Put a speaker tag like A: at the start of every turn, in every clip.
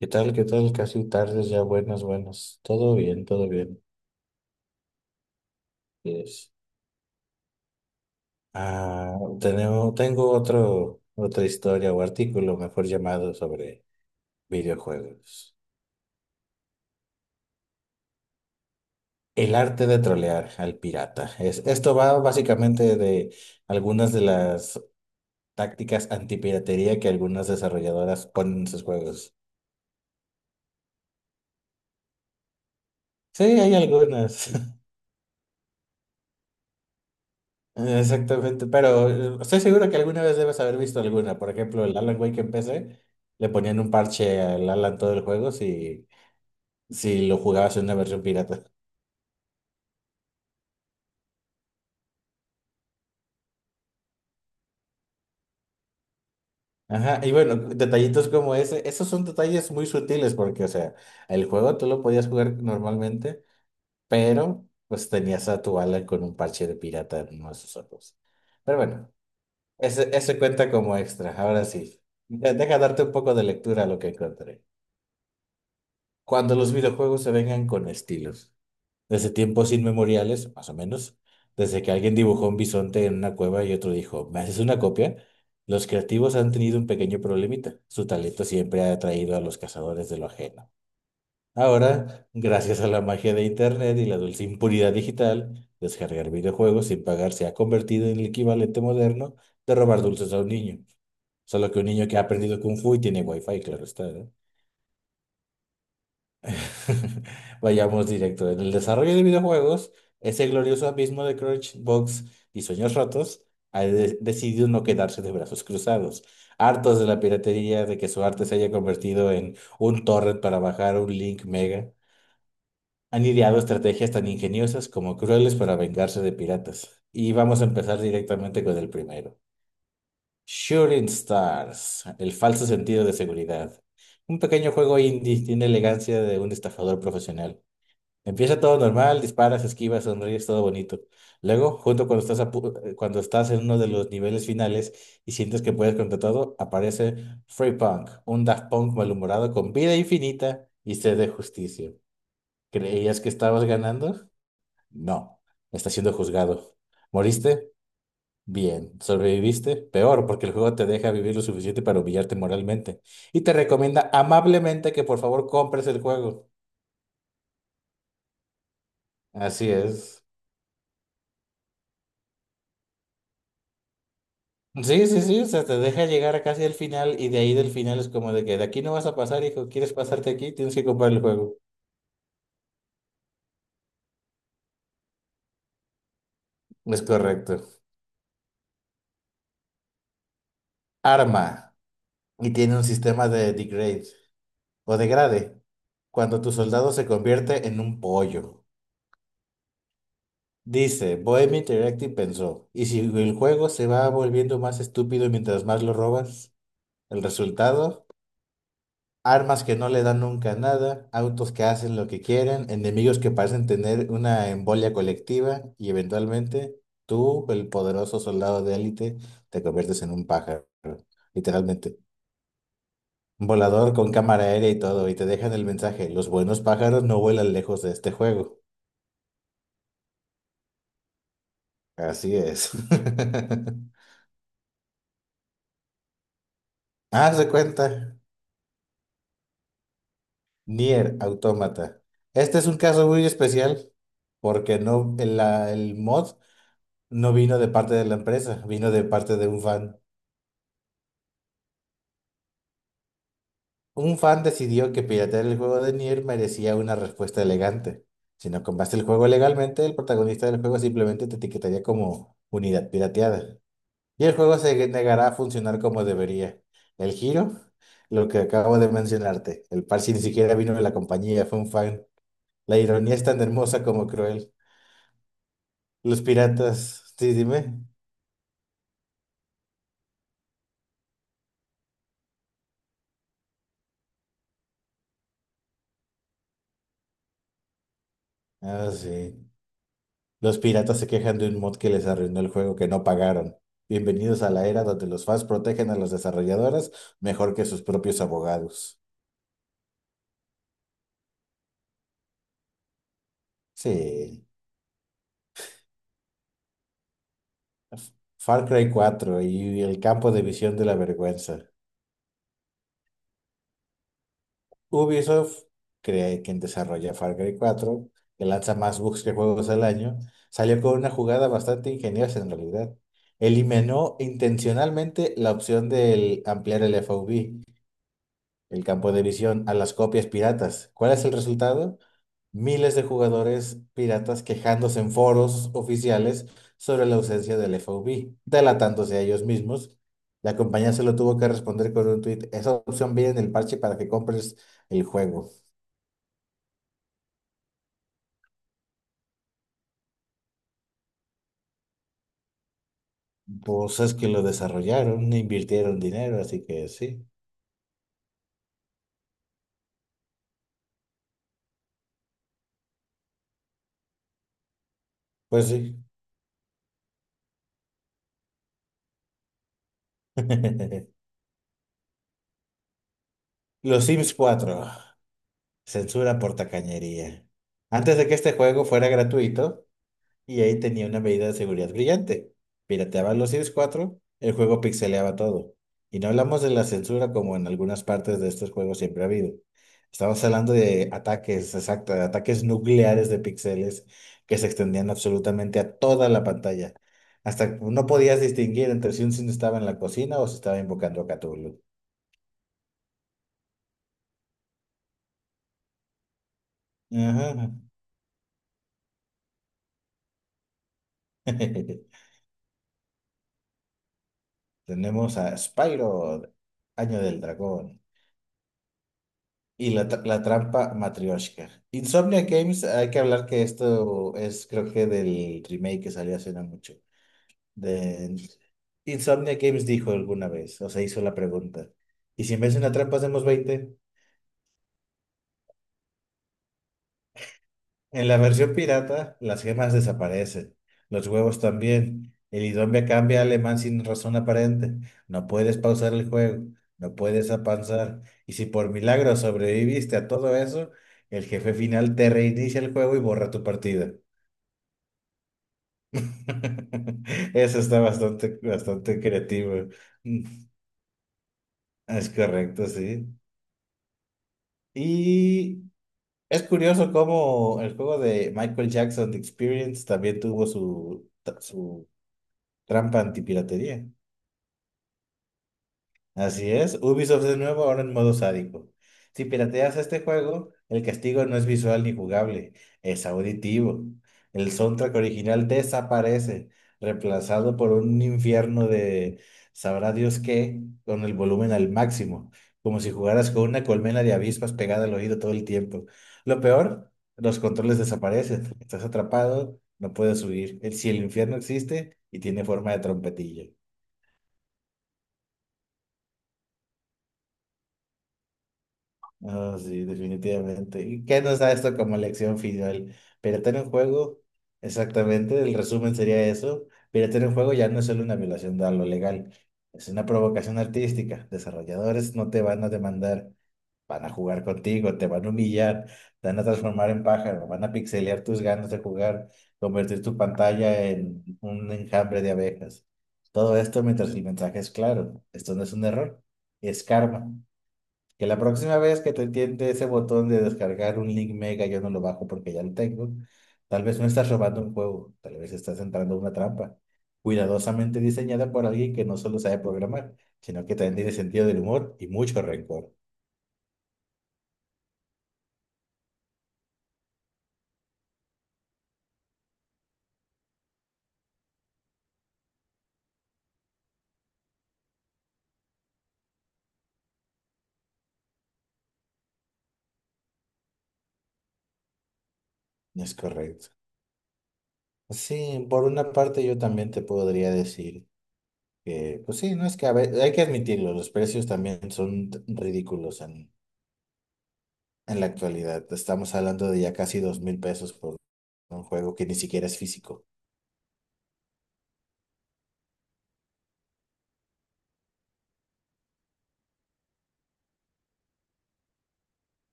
A: ¿Qué tal? ¿Qué tal? Casi tardes ya, buenas, buenas. Todo bien, todo bien. Yes. Tengo otro, otra historia o artículo, mejor llamado, sobre videojuegos. El arte de trolear al pirata. Esto va básicamente de algunas de las tácticas antipiratería que algunas desarrolladoras ponen en sus juegos. Sí, hay algunas. Exactamente, pero estoy seguro que alguna vez debes haber visto alguna. Por ejemplo, el Alan Wake en PC, le ponían un parche al Alan todo el juego si lo jugabas en una versión pirata. Ajá, y bueno, detallitos como ese, esos son detalles muy sutiles porque, o sea, el juego tú lo podías jugar normalmente, pero pues tenías a tu Alan con un parche de pirata en uno de sus ojos. Pero bueno, ese cuenta como extra, ahora sí. Deja darte un poco de lectura a lo que encontré. Cuando los videojuegos se vengan con estilos, desde tiempos inmemoriales, más o menos, desde que alguien dibujó un bisonte en una cueva y otro dijo, ¿me haces una copia? Los creativos han tenido un pequeño problemita. Su talento siempre ha atraído a los cazadores de lo ajeno. Ahora, gracias a la magia de Internet y la dulce impunidad digital, descargar videojuegos sin pagar se ha convertido en el equivalente moderno de robar dulces a un niño. Solo que un niño que ha aprendido Kung Fu y tiene Wi-Fi, claro está, ¿no? Vayamos directo. En el desarrollo de videojuegos, ese glorioso abismo de Crunchbox y Sueños Rotos ha decidido no quedarse de brazos cruzados. Hartos de la piratería, de que su arte se haya convertido en un torrent para bajar un link mega, han ideado estrategias tan ingeniosas como crueles para vengarse de piratas. Y vamos a empezar directamente con el primero. Shooting Stars, el falso sentido de seguridad. Un pequeño juego indie tiene elegancia de un estafador profesional. Empieza todo normal, disparas, esquivas, sonríes, todo bonito. Luego, junto cuando cuando estás en uno de los niveles finales y sientes que puedes contra todo, aparece Free Punk, un Daft Punk malhumorado con vida infinita y sed de justicia. ¿Creías que estabas ganando? No, estás siendo juzgado. ¿Moriste? Bien. ¿Sobreviviste? Peor, porque el juego te deja vivir lo suficiente para humillarte moralmente. Y te recomienda amablemente que por favor compres el juego. Así es. Sí, sí, sí, o sea, te deja llegar casi al final y de ahí del final es como de que de aquí no vas a pasar, hijo, quieres pasarte aquí, tienes que comprar el juego. Es correcto. Arma y tiene un sistema de degrade cuando tu soldado se convierte en un pollo. Dice, Bohemia Interactive pensó, ¿y si el juego se va volviendo más estúpido mientras más lo robas? El resultado, armas que no le dan nunca nada, autos que hacen lo que quieren, enemigos que parecen tener una embolia colectiva y eventualmente tú, el poderoso soldado de élite, te conviertes en un pájaro, literalmente. Un Volador con cámara aérea y todo, y te dejan el mensaje, los buenos pájaros no vuelan lejos de este juego. Así es. Haz de cuenta, Nier Automata. Este es un caso muy especial porque no, el mod no vino de parte de la empresa, vino de parte de un fan. Un fan decidió que piratear el juego de Nier merecía una respuesta elegante. Si no compraste el juego legalmente, el protagonista del juego simplemente te etiquetaría como unidad pirateada. Y el juego se negará a funcionar como debería. El giro, lo que acabo de mencionarte. El parche ni siquiera vino de la compañía, fue un fan. La ironía es tan hermosa como cruel. Los piratas, sí, dime. Ah, sí. Los piratas se quejan de un mod que les arruinó el juego que no pagaron. Bienvenidos a la era donde los fans protegen a los desarrolladores mejor que sus propios abogados. Sí. F- Far Cry 4 y el campo de visión de la vergüenza. Ubisoft, cree quien desarrolla Far Cry 4, que lanza más bugs que juegos al año, salió con una jugada bastante ingeniosa en realidad. Eliminó intencionalmente la opción de ampliar el FOV, el campo de visión, a las copias piratas. ¿Cuál es el resultado? Miles de jugadores piratas quejándose en foros oficiales sobre la ausencia del FOB, delatándose a ellos mismos. La compañía se lo tuvo que responder con un tweet. Esa opción viene en el parche para que compres el juego. Pues es que lo desarrollaron, invirtieron dinero, así que sí. Pues sí. Los Sims cuatro. Censura por tacañería. Antes de que este juego fuera gratuito, y ahí tenía una medida de seguridad brillante. Pirateaban los Sims cuatro, el juego pixeleaba todo. Y no hablamos de la censura como en algunas partes de estos juegos siempre ha habido. Estamos hablando de ataques, exacto, de ataques nucleares de píxeles que se extendían absolutamente a toda la pantalla. Hasta no podías distinguir entre si un Sim estaba en la cocina o si estaba invocando a Cthulhu. Ajá. Tenemos a Spyro, Año del Dragón. La trampa Matryoshka. Insomnia Games, hay que hablar que esto es, creo que del remake que salió hace no mucho. De... Insomnia Games dijo alguna vez, o sea, hizo la pregunta. ¿Y si en vez de una trampa hacemos 20? En la versión pirata, las gemas desaparecen, los huevos también. El idioma cambia a alemán sin razón aparente. No puedes pausar el juego, no puedes avanzar. Y si por milagro sobreviviste a todo eso, el jefe final te reinicia el juego y borra tu partida. Eso está bastante, bastante creativo. Mm, es correcto, sí. Y es curioso cómo el juego de Michael Jackson, The Experience, también tuvo su trampa antipiratería. Así es. Ubisoft de nuevo ahora en modo sádico. Si pirateas este juego, el castigo no es visual ni jugable, es auditivo. El soundtrack original desaparece, reemplazado por un infierno de sabrá Dios qué, con el volumen al máximo, como si jugaras con una colmena de avispas pegada al oído todo el tiempo. Lo peor, los controles desaparecen. Estás atrapado, no puedes huir. Si el infierno existe y tiene forma de trompetilla. No, sí, definitivamente. ¿Y qué nos da esto como lección final? Piratear en juego, exactamente, el resumen sería eso. Piratear en juego ya no es solo una violación de lo legal, es una provocación artística. Desarrolladores no te van a demandar, van a jugar contigo, te van a humillar, te van a transformar en pájaro, van a pixelear tus ganas de jugar, convertir tu pantalla en un enjambre de abejas. Todo esto mientras el mensaje es claro, esto no es un error, es karma. Que la próxima vez que te tiente ese botón de descargar un link mega, yo no lo bajo porque ya lo tengo. Tal vez no estás robando un juego, tal vez estás entrando a una trampa, cuidadosamente diseñada por alguien que no solo sabe programar, sino que también tiene sentido del humor y mucho rencor. No. Es correcto. Sí, por una parte yo también te podría decir que, pues sí, no es que a ve- hay que admitirlo, los precios también son ridículos en la actualidad. Estamos hablando de ya casi 2000 pesos por un juego que ni siquiera es físico.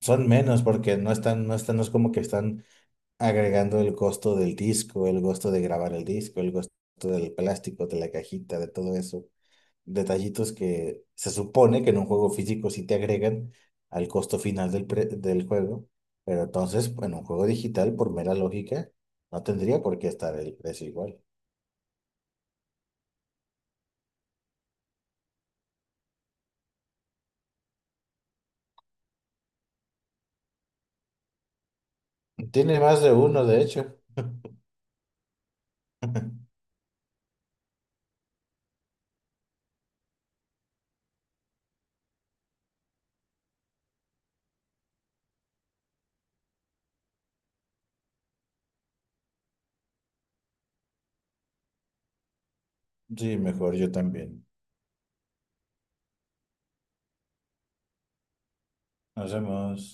A: Son menos porque no están, no es como que están agregando el costo del disco, el costo de grabar el disco, el costo del plástico, de la cajita, de todo eso. Detallitos que se supone que en un juego físico sí te agregan al costo final del juego, pero entonces en un juego digital, por mera lógica, no tendría por qué estar el precio igual. Tiene más de uno, de hecho. Sí, mejor yo también. Nos vemos.